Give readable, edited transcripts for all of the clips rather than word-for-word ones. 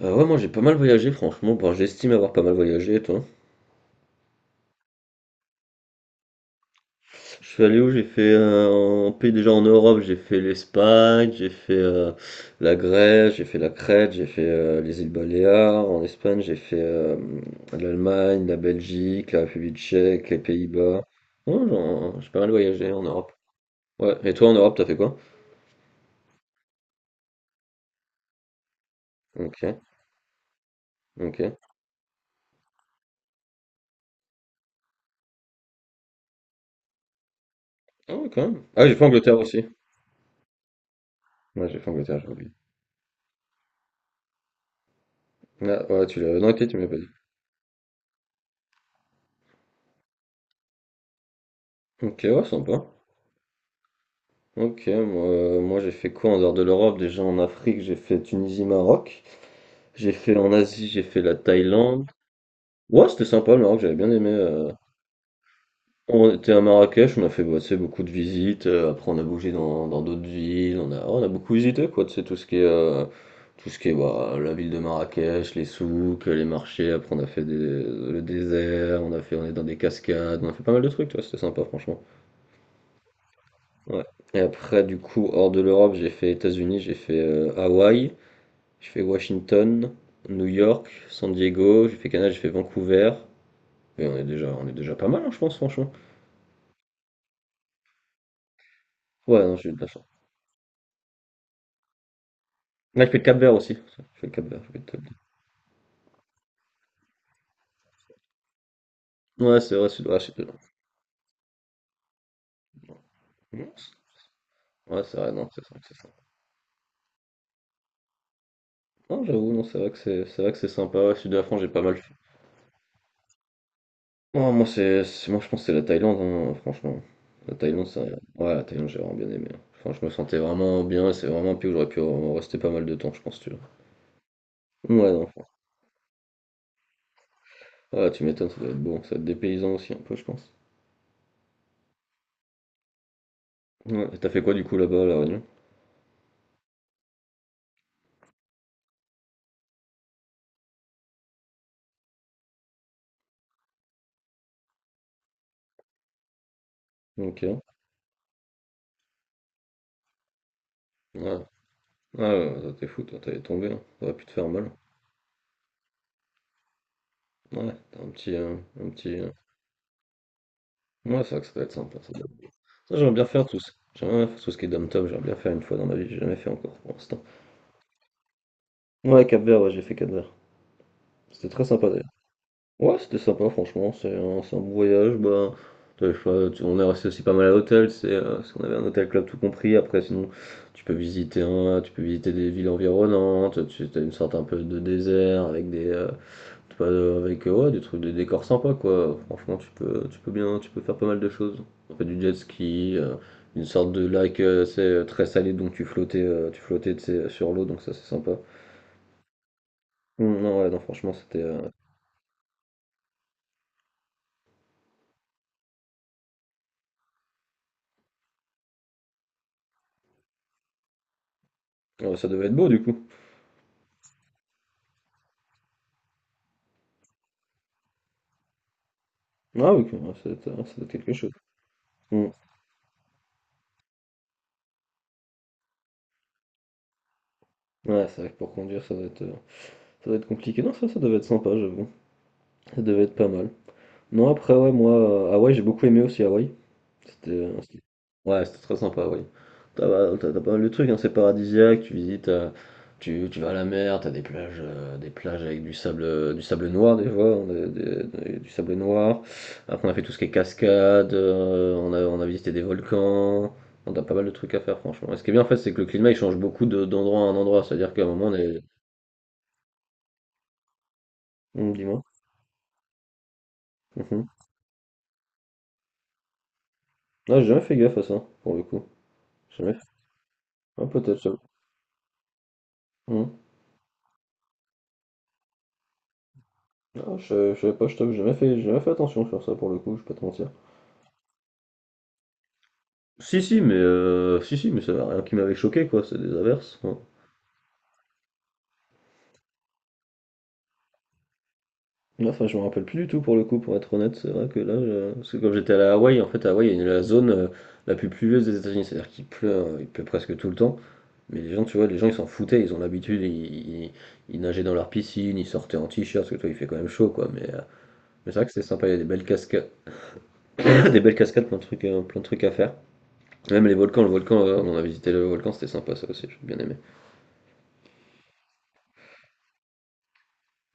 Ouais, moi j'ai pas mal voyagé, franchement. Bon, j'estime avoir pas mal voyagé, et toi? Je suis allé où? J'ai fait en pays déjà en Europe, j'ai fait l'Espagne, j'ai fait la Grèce, j'ai fait la Crète, j'ai fait les îles Baléares. En Espagne, j'ai fait l'Allemagne, la Belgique, la République tchèque, les Pays-Bas. Ouais, j'ai pas mal voyagé en Europe. Ouais, et toi en Europe, t'as fait quoi? Ok, ok. Ah, ouais, quand même. Ah, j'ai fait Angleterre aussi. Ouais, j'ai fait Angleterre, j'ai oublié. Ah, ouais, tu l'as. Non, ok, tu me l'as pas dit. Ok, ouais, sympa. Ok, moi j'ai fait quoi en dehors de l'Europe? Déjà en Afrique, j'ai fait Tunisie, Maroc. J'ai fait en Asie, j'ai fait la Thaïlande. Ouais, c'était sympa le Maroc, j'avais bien aimé. On était à Marrakech, on a fait bah, tu sais, beaucoup de visites. Après, on a bougé dans d'autres villes. On a beaucoup visité quoi. Tu sais, tout ce qui est bah, la ville de Marrakech, les souks, les marchés. Après, on a fait le désert. On est dans des cascades. On a fait pas mal de trucs. Toi, c'était sympa franchement. Ouais. Et après, du coup, hors de l'Europe, j'ai fait États-Unis, j'ai fait Hawaï. J'ai fait Washington, New York, San Diego, j'ai fait Canada, j'ai fait Vancouver. Et on est déjà pas mal, hein, je pense, franchement. Ouais, non, j'ai eu de la chance. Là, je fais le Cap-Vert aussi. Je fais le Cap-Vert, je vais te le dire. Ouais, c'est vrai, c'est ouais, c'est non, c'est- ouais, c'est vrai, non, c'est ça, c'est ça. Non, j'avoue, non, c'est vrai que c'est sympa. Le sud de la France, j'ai pas mal fait. Oh, moi, moi, je pense que c'est la Thaïlande, hein, franchement. La Thaïlande, ouais, la Thaïlande, j'ai vraiment bien aimé. Hein. Enfin, je me sentais vraiment bien et c'est vraiment un pays où j'aurais pu en rester pas mal de temps, je pense, tu vois. Ouais, non. Ah, tu m'étonnes, ça doit être bon, ça doit être dépaysant aussi un peu, je pense. Ouais, et t'as fait quoi du coup là-bas à La Réunion? Ok. Ouais. Ah, ouais, ouais, t'es fou, toi, t'es tombé, hein. T'aurais pu te faire mal. Ouais, t'as un petit, un petit. Ouais, c'est vrai que ça doit être sympa. J'aimerais bien faire tout ça. J'aimerais bien faire tout ce qui est dom-tom, j'aimerais bien faire une fois dans ma vie, j'ai jamais fait encore pour l'instant. Ouais, Cap-Vert, ouais, j'ai fait Cap-Vert. C'était très sympa. Ouais, c'était sympa, franchement, c'est un bon voyage. Bah, t'as le choix, on est resté aussi pas mal à l'hôtel, c'est parce qu'on avait un hôtel club tout compris. Après, sinon, tu peux visiter des villes environnantes, tu as une sorte un peu de désert avec des, tu peux, avec ouais, des trucs, des décors sympas quoi. Franchement, tu peux faire pas mal de choses. On fait du jet ski, une sorte de lac, c'est très salé, donc tu flottais, tu sais, sur l'eau, donc ça c'est sympa. Non, ouais, non, franchement, c'était. Ça devait être beau du coup. Ah, ok, ouais, ça doit être quelque chose. Mm. Ouais, c'est vrai que pour conduire, ça doit être compliqué. Non, ça devait être sympa, j'avoue. Ça devait être pas mal. Non, après, ouais, moi, Hawaï, j'ai beaucoup aimé aussi Hawaï. C'était, c'était- ouais, c'était très sympa, Hawaï. T'as bah, t'as pas mal de trucs, hein, c'est paradisiaque, tu visites. Tu vas à la mer, t'as des plages avec du sable noir, des fois, hein, du sable noir. Après, on a fait tout ce qui est cascade, on a visité des volcans, on a pas mal de trucs à faire, franchement. Et ce qui est bien, en fait, c'est que le climat, il change beaucoup d'endroit à un endroit, c'est-à-dire qu'à un moment, on est. Dis-moi. Mhm. Ah, j'ai jamais fait gaffe à ça, pour le coup. J'ai jamais fait. Ah, peut-être ça. Non, je savais pas, je t'avoue, j'ai jamais fait attention sur ça pour le coup, je vais pas te mentir. Si, si, mais, si, si, mais ça n'a rien qui m'avait choqué, quoi, c'est des averses, hein. Enfin, je me rappelle plus du tout pour le coup, pour être honnête, c'est vrai que là. Parce que quand j'étais allé à la Hawaï, en fait, à Hawaï, il y a la zone la plus pluvieuse des États-Unis, c'est-à-dire qu'il pleut, hein, il pleut presque tout le temps. Mais les gens, tu vois, les gens, ils s'en foutaient, ils ont l'habitude, ils nageaient dans leur piscine, ils sortaient en t-shirt, parce que toi, il fait quand même chaud, quoi. Mais c'est vrai que c'est sympa, il y a des belles cascades, des belles cascades, plein de trucs à faire. Même les volcans, on a visité le volcan, c'était sympa ça aussi, j'ai bien aimé.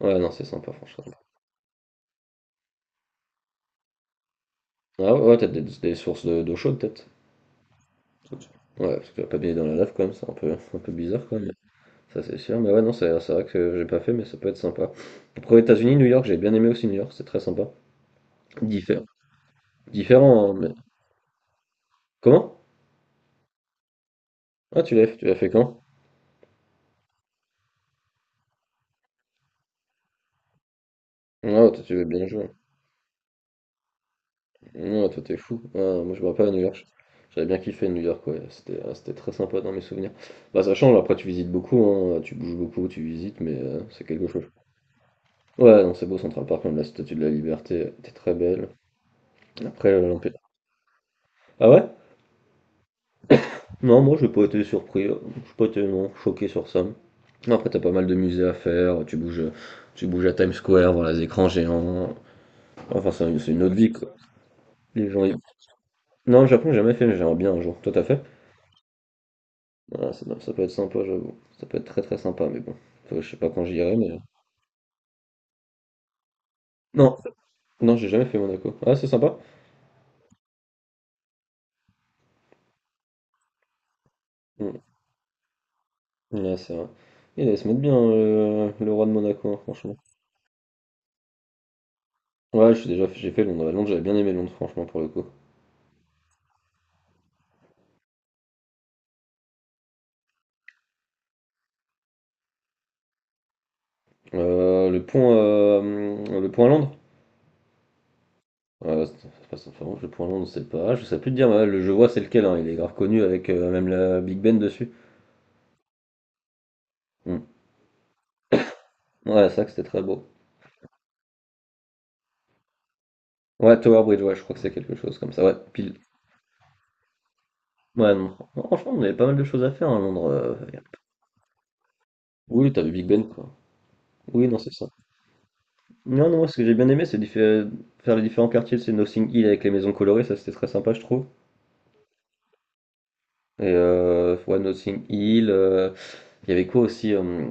Ouais, non, c'est sympa, franchement. Ah, ouais, ouais, peut-être des sources d'eau chaude, peut-être. Ouais, parce que tu vas pas baigner dans la lave quand même, c'est un peu, un peu bizarre quand même. Ça, c'est sûr, mais ouais, non, c'est vrai que j'ai pas fait, mais ça peut être sympa. Après, aux États-Unis, New York, j'ai bien aimé aussi New York, c'est très sympa. Diffé- Différent, hein, mais. Comment? Ah, tu l'as fait quand? Ah, toi, tu veux bien jouer. Ouais, toi t'es fou. Ah, moi je me rappelle à New York. J'avais bien kiffé New York, ouais. C'était très sympa dans mes souvenirs. Bah, ça change, après tu visites beaucoup, hein. Tu bouges beaucoup, tu visites, mais c'est quelque chose. Ouais, non, c'est beau Central Park, même la Statue de la Liberté était très belle. Après, l'Empire. Ah, ouais? Non, moi j'ai pas été surpris, j'ai pas été non, choqué sur ça. Non, après t'as pas mal de musées à faire, tu bouges à Times Square, voir les écrans géants. Enfin, c'est une autre vie, quoi. Les gens y. Non, le Japon, j'ai jamais fait, mais j'aimerais bien un jour. Toi, t'as fait? Ah, ça peut être sympa, j'avoue. Ça peut être très très sympa, mais bon. Je sais pas quand j'irai, mais. Non, non, j'ai jamais fait Monaco. Ah, c'est sympa. Mm. Ouais, c'est vrai. Il allait se mettre bien, le roi de Monaco, hein, franchement. Ouais, j'ai fait Londres. Londres, j'avais bien aimé Londres, franchement, pour le coup. Le pont à Londres. C'est pas ça, enfin, le pont à Londres, c'est pas. Je sais plus te dire, mais ouais, je vois c'est lequel, hein, il est grave connu avec même la Big Ben dessus. Mm. Ouais, ça, que c'était très beau. Ouais, Tower Bridge, ouais, je crois que c'est quelque chose comme ça. Ouais, pile. Ouais, non, non, franchement, on avait pas mal de choses à faire, hein, à Londres. Oui, t'as vu Big Ben, quoi. Oui, non, c'est ça. Non, non, moi, ce que j'ai bien aimé, faire les différents quartiers. C'est Notting Hill avec les maisons colorées, ça c'était très sympa, je trouve. Et ouais, Notting Hill. Il y avait quoi aussi.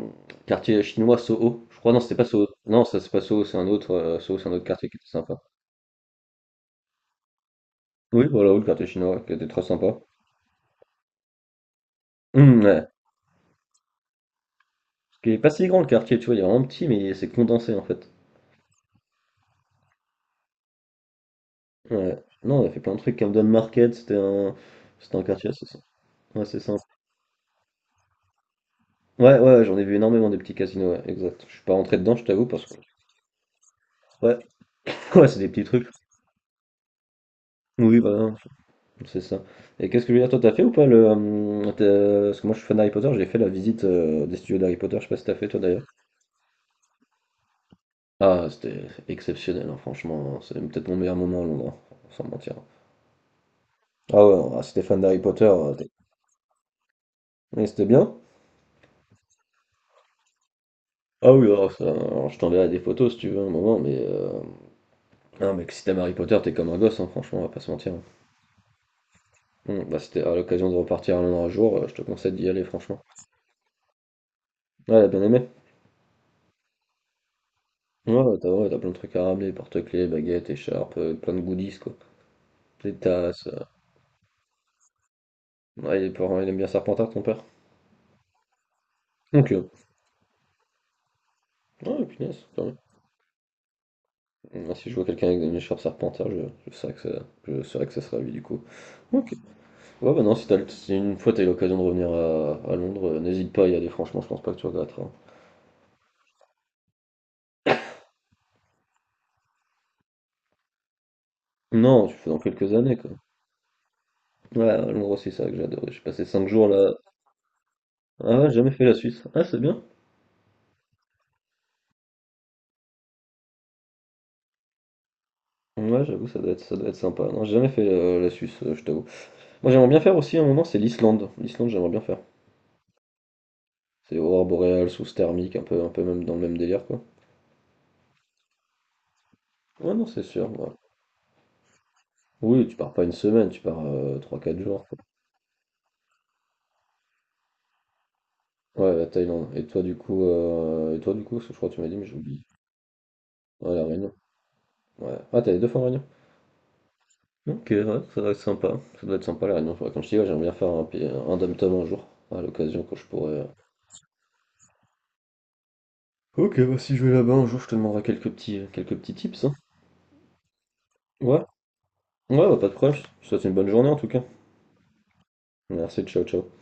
Quartier chinois Soho. Je crois, non, c'était pas Soho. Non, ça c'est pas Soho, c'est un autre. Soho, c'est un autre quartier qui était sympa. Oui, voilà, oui, le quartier chinois qui était très sympa. Ouais. Qui est pas si grand le quartier, tu vois, il est vraiment petit, mais c'est condensé en fait. Ouais. Non, on a fait plein de trucs. Camden Market, c'était un quartier assez sympa. Ouais, c'est sympa. Ouais, ouais, j'en ai vu énormément des petits casinos, ouais, exact. Je suis pas rentré dedans, je t'avoue, parce que. Ouais, ouais, c'est des petits trucs. Oui, voilà, c'est ça. Et qu'est-ce que je veux dire, toi, t'as fait ou pas le? Parce que moi, je suis fan d'Harry Potter, j'ai fait la visite des studios d'Harry Potter, je sais pas si t'as fait, toi, d'ailleurs. Ah, c'était exceptionnel, hein, franchement. C'est peut-être mon meilleur moment à Londres, hein, sans mentir. Ah, ouais, ah, si t'es fan d'Harry Potter, et c'était bien? Ah, oui, alors, ça, alors, je t'enverrai des photos si tu veux un moment, mais. Non, mais que si t'aimes Harry Potter, t'es comme un gosse, hein, franchement, on va pas se mentir. Bon, bah, c'était à l'occasion de repartir à Londres un jour, je te conseille d'y aller, franchement. Ouais, elle a bien aimé. Ouais, ouais, t'as plein de trucs à ramener, porte-clés, baguettes, écharpes, plein de goodies, quoi. Des tasses. Ouais, il, est pas- il aime bien Serpentard, ton père. Ok. Ouais, punaise, quand même. Moi, si je vois quelqu'un avec une écharpe Serpentard, je saurais je saurais que ça serait lui, du coup. Ok. Ouais, bah, non, si, si une fois t'as eu l'occasion de revenir à Londres, n'hésite pas à y aller, franchement, je pense pas que tu regretteras. Non, tu fais dans quelques années, quoi. Ouais, ouais, l'endroit c'est ça que j'adorais. J'ai passé 5 jours là. Ah, ouais, j'ai jamais fait la Suisse. Ah, c'est bien. Ouais, j'avoue, ça doit être sympa. Non, j'ai jamais fait la Suisse, je t'avoue. Moi, j'aimerais bien faire aussi à un moment, c'est l'Islande. L'Islande, j'aimerais bien faire. C'est aurore boréale, sous thermique, un peu même dans le même délire, quoi. Ouais, non, c'est sûr, ouais. Oui, tu pars pas une semaine, tu pars trois quatre jours, quoi. Ouais, la Thaïlande. Et toi, du coup, parce que je crois que tu m'as dit, mais j'ai oublié. Ouais, la Réunion. Ouais. Ah, t'es allé 2 fois en Réunion? Ok, ouais, ça doit être sympa. Ça doit être sympa la Réunion. Comme je dis, ouais, j'aimerais bien faire un dom un jour, à l'occasion quand je pourrais. Ok, bah, si je vais là-bas un jour, je te demanderai quelques petits tips, hein. Ouais, ouais, bah, pas de problème. Je te souhaite une bonne journée en tout cas. Merci, ciao, ciao.